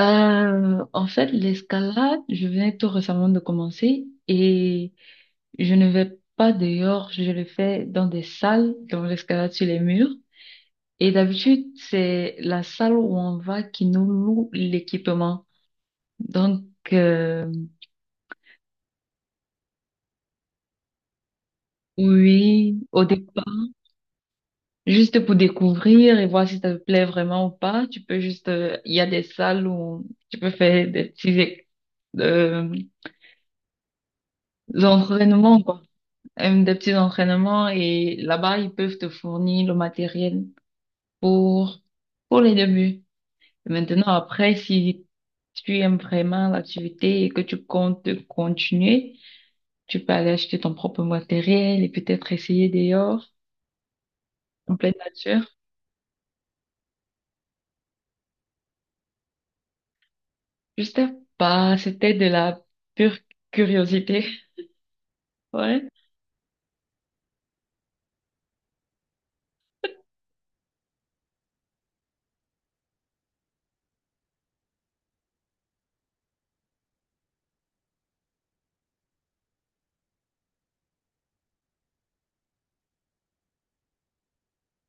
En fait, l'escalade, je venais tout récemment de commencer et je ne vais pas dehors, je le fais dans des salles, dans l'escalade sur les murs. Et d'habitude, c'est la salle où on va qui nous loue l'équipement. Donc, euh, oui, au départ, juste pour découvrir et voir si ça te plaît vraiment ou pas, tu peux juste, il y a des salles où tu peux faire des petits euh, entraînements, quoi. Des petits entraînements et là-bas, ils peuvent te fournir le matériel pour, pour les débuts. Et maintenant, après, si tu aimes vraiment l'activité et que tu comptes continuer, tu peux aller acheter ton propre matériel et peut-être essayer dehors, en pleine nature. Je sais pas, c'était de la pure curiosité. Ouais.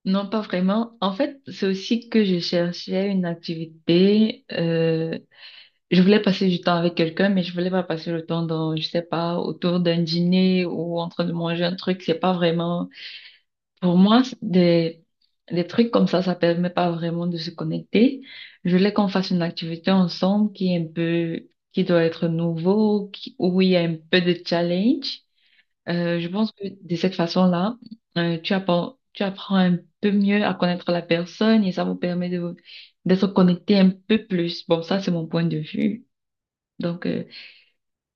Non, pas vraiment. En fait, c'est aussi que je cherchais une activité, je voulais passer du temps avec quelqu'un, mais je voulais pas passer le temps dans, je sais pas, autour d'un dîner ou en train de manger un truc. C'est pas vraiment, pour moi, c'est des trucs comme ça permet pas vraiment de se connecter. Je voulais qu'on fasse une activité ensemble qui est un peu, qui doit être nouveau, où il y a un peu de challenge. Je pense que de cette façon-là, tu apprends un peu mieux à connaître la personne et ça vous permet d'être connecté un peu plus. Bon, ça, c'est mon point de vue. Donc,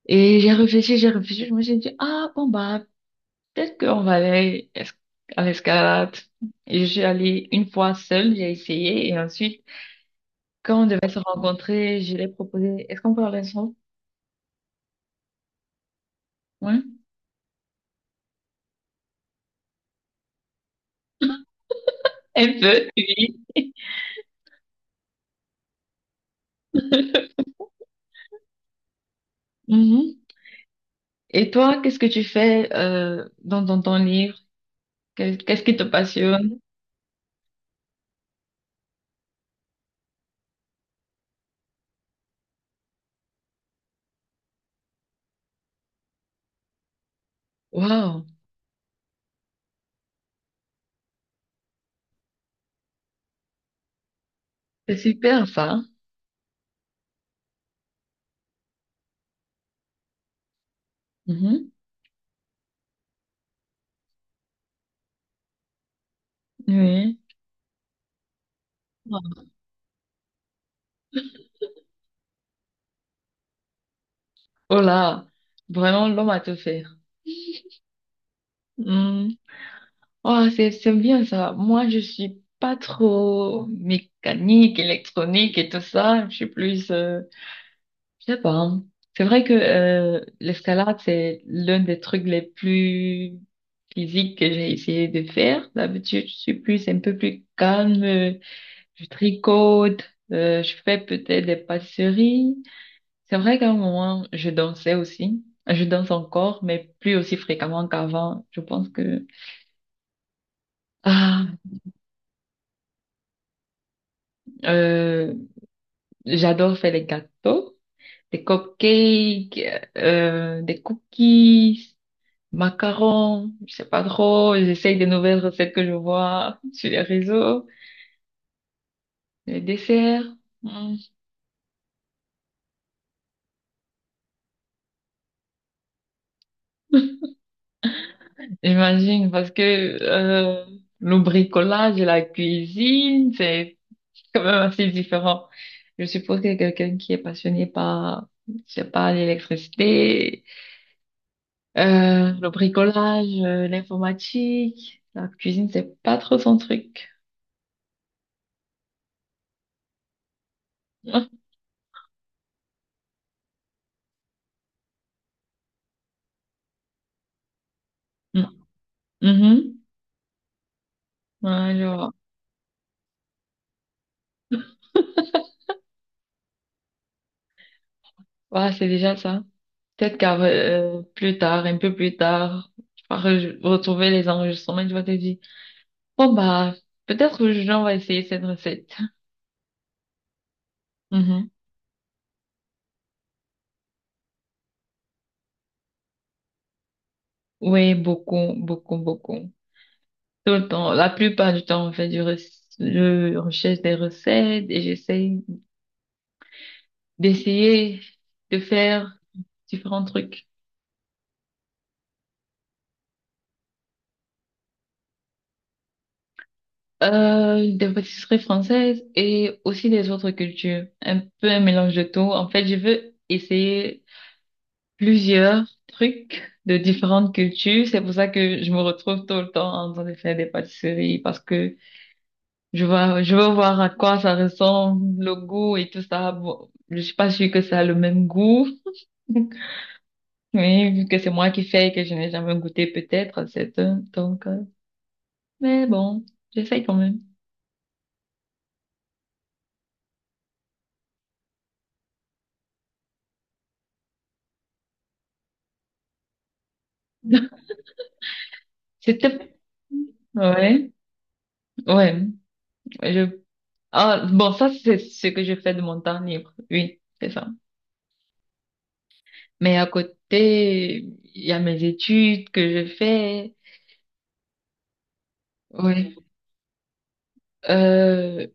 et j'ai réfléchi, je me suis dit, ah bon bah, peut-être qu'on va à l'escalade. Et je suis allée une fois seule, j'ai essayé, et ensuite, quand on devait se rencontrer, je l'ai proposé, est-ce qu'on peut aller ensemble? Ouais. Un peu, oui. Mhm. Et toi, qu'est-ce que tu fais dans ton livre? Qu'est-ce qui te passionne? Waouh, c'est super ça. Mhm. Oui. Oh là, vraiment l'homme à tout faire. Mhm. Oh, c'est bien ça. Moi, je suis pas trop mécanique, électronique et tout ça. Je suis plus, je sais pas, hein. C'est vrai que l'escalade, c'est l'un des trucs les plus physiques que j'ai essayé de faire. D'habitude, je suis plus un peu plus calme. Je tricote, je fais peut-être des pâtisseries. C'est vrai qu'à un moment, je dansais aussi. Je danse encore, mais plus aussi fréquemment qu'avant. Je pense que ah, euh, j'adore faire les gâteaux, des cupcakes, des cookies, macarons, je sais pas trop. J'essaye des nouvelles recettes que je vois sur les réseaux, les desserts. hmm, J'imagine parce que euh, le bricolage et la cuisine, c'est quand même assez différent. Je suppose que quelqu'un qui est passionné par, je sais pas, l'électricité, le bricolage, l'informatique, la cuisine, c'est pas trop son truc. Mm. Mhm. Ouais, je vois. Ouais, c'est déjà ça. Peut-être qu'à plus tard, un peu plus tard, tu vas retrouver les enregistrements et tu vas te dire, bon bah, peut-être aujourd'hui on va essayer cette recette. Mhm. Oui, beaucoup, beaucoup, beaucoup. Tout le temps, la plupart du temps, on fait du rec- je recherche des recettes et j'essaye d'essayer de faire différents trucs. Des pâtisseries françaises et aussi des autres cultures. Un peu un mélange de tout. En fait, je veux essayer plusieurs trucs de différentes cultures. C'est pour ça que je me retrouve tout le temps en train de faire des pâtisseries parce que je veux voir à quoi ça ressemble, le goût et tout ça. Bon, je suis pas sûre que ça a le même goût. Mais vu que c'est moi qui fais et que je n'ai jamais goûté peut-être, c'est un, donc, mais bon, j'essaye quand même. C'était, ouais, ouais. Je... Ah, bon, ça, c'est ce que je fais de mon temps libre. Oui, c'est ça. Mais à côté, il y a mes études que je fais. Oui. Euh,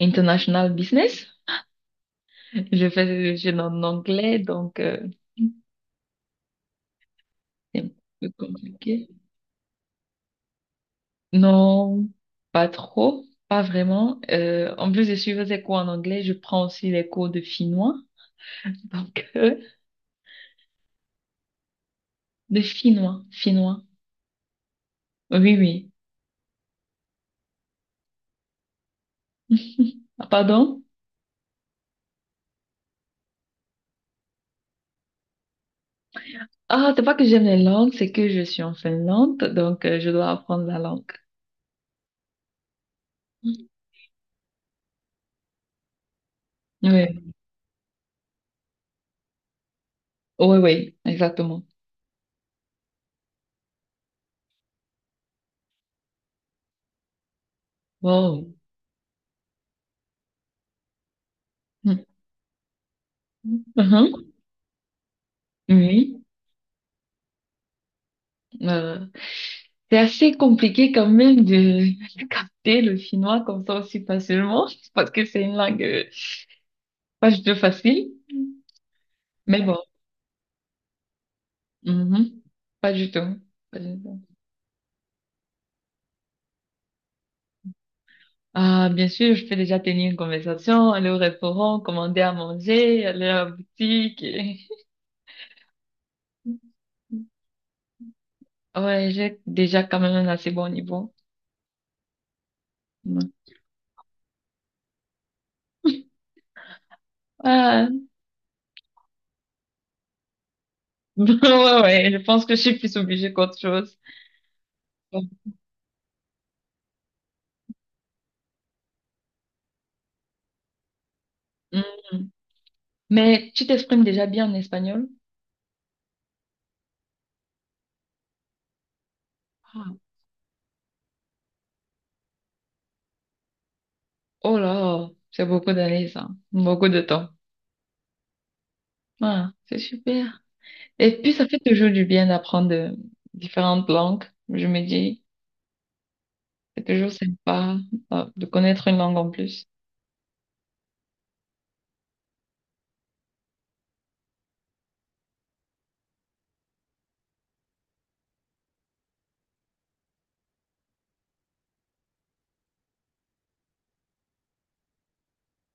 international business. Je suis en anglais, donc c'est un peu compliqué. Non, pas trop. Pas vraiment. En plus de suivre des cours en anglais, je prends aussi les cours de finnois. Donc, de finnois. Oui, oui. Ah, pardon? Ah, c'est pas que j'aime les langues, c'est que je suis en Finlande, donc je dois apprendre la langue. Mm. Oui, oui, oui, exactement. Wow. Mm. Mhm. Oui. Euh, c'est assez compliqué quand même de capter le finnois comme ça aussi facilement, parce que c'est une langue pas du tout facile, mais bon. Mhm. Pas du tout. Pas du tout. Ah, bien sûr, je peux déjà tenir une conversation, aller au restaurant, commander à manger, aller à la boutique. Et... Ouais, j'ai déjà quand même un assez bon niveau. Mm. Ah, ouais, ouais, je pense que je suis plus obligée qu'autre chose. Bon. Mm. Mais tu t'exprimes déjà bien en espagnol? Ah. Oh là, c'est beaucoup d'années, ça. Beaucoup de temps. Ah, c'est super. Et puis, ça fait toujours du bien d'apprendre différentes langues. Je me dis, c'est toujours sympa de connaître une langue en plus.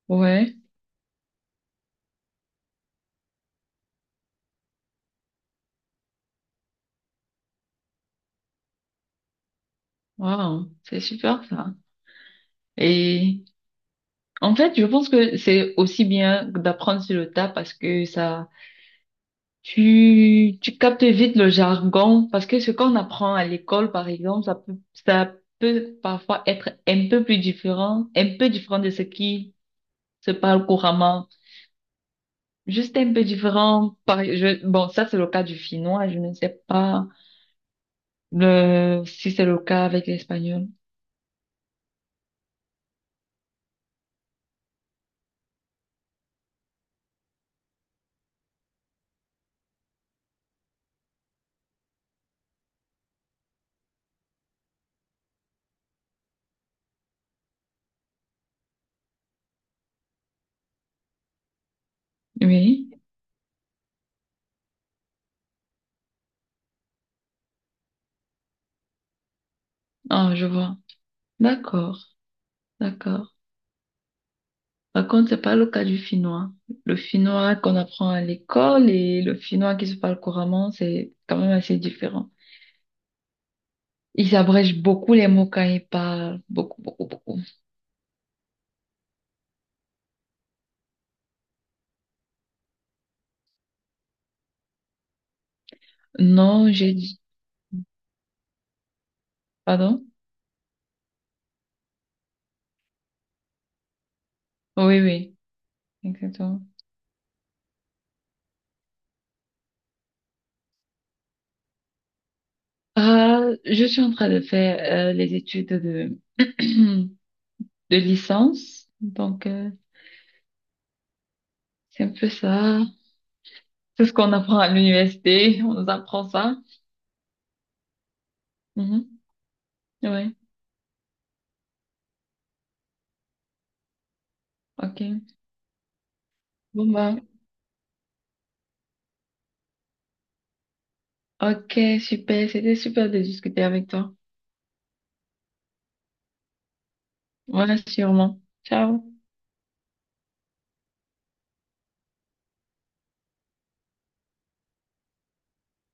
Ouais, wow, c'est super ça. Et en fait, je pense que c'est aussi bien d'apprendre sur le tas parce que ça, tu captes vite le jargon parce que ce qu'on apprend à l'école, par exemple, ça peut parfois être un peu plus différent, un peu différent de ce qui se parle couramment. Juste un peu différent. Bon, ça, c'est le cas du finnois. Je ne sais pas si c'est le cas avec l'espagnol. Oui. Ah, je vois. D'accord. D'accord. Par contre, c'est pas le cas du finnois. Le finnois qu'on apprend à l'école et le finnois qui se parle couramment, c'est quand même assez différent. Ils abrègent beaucoup les mots quand ils parlent. Beaucoup, beaucoup, beaucoup. Non, j'ai dit. Pardon? Oui, oui, exactement. Ah, je suis en train de faire les de licence. Donc, c'est un peu ça. C'est ce qu'on apprend à l'université. On nous apprend ça. Mhm. Ouais, ok. Bon, bah. Ok, super. C'était super de discuter avec toi. Voilà, sûrement. Ciao.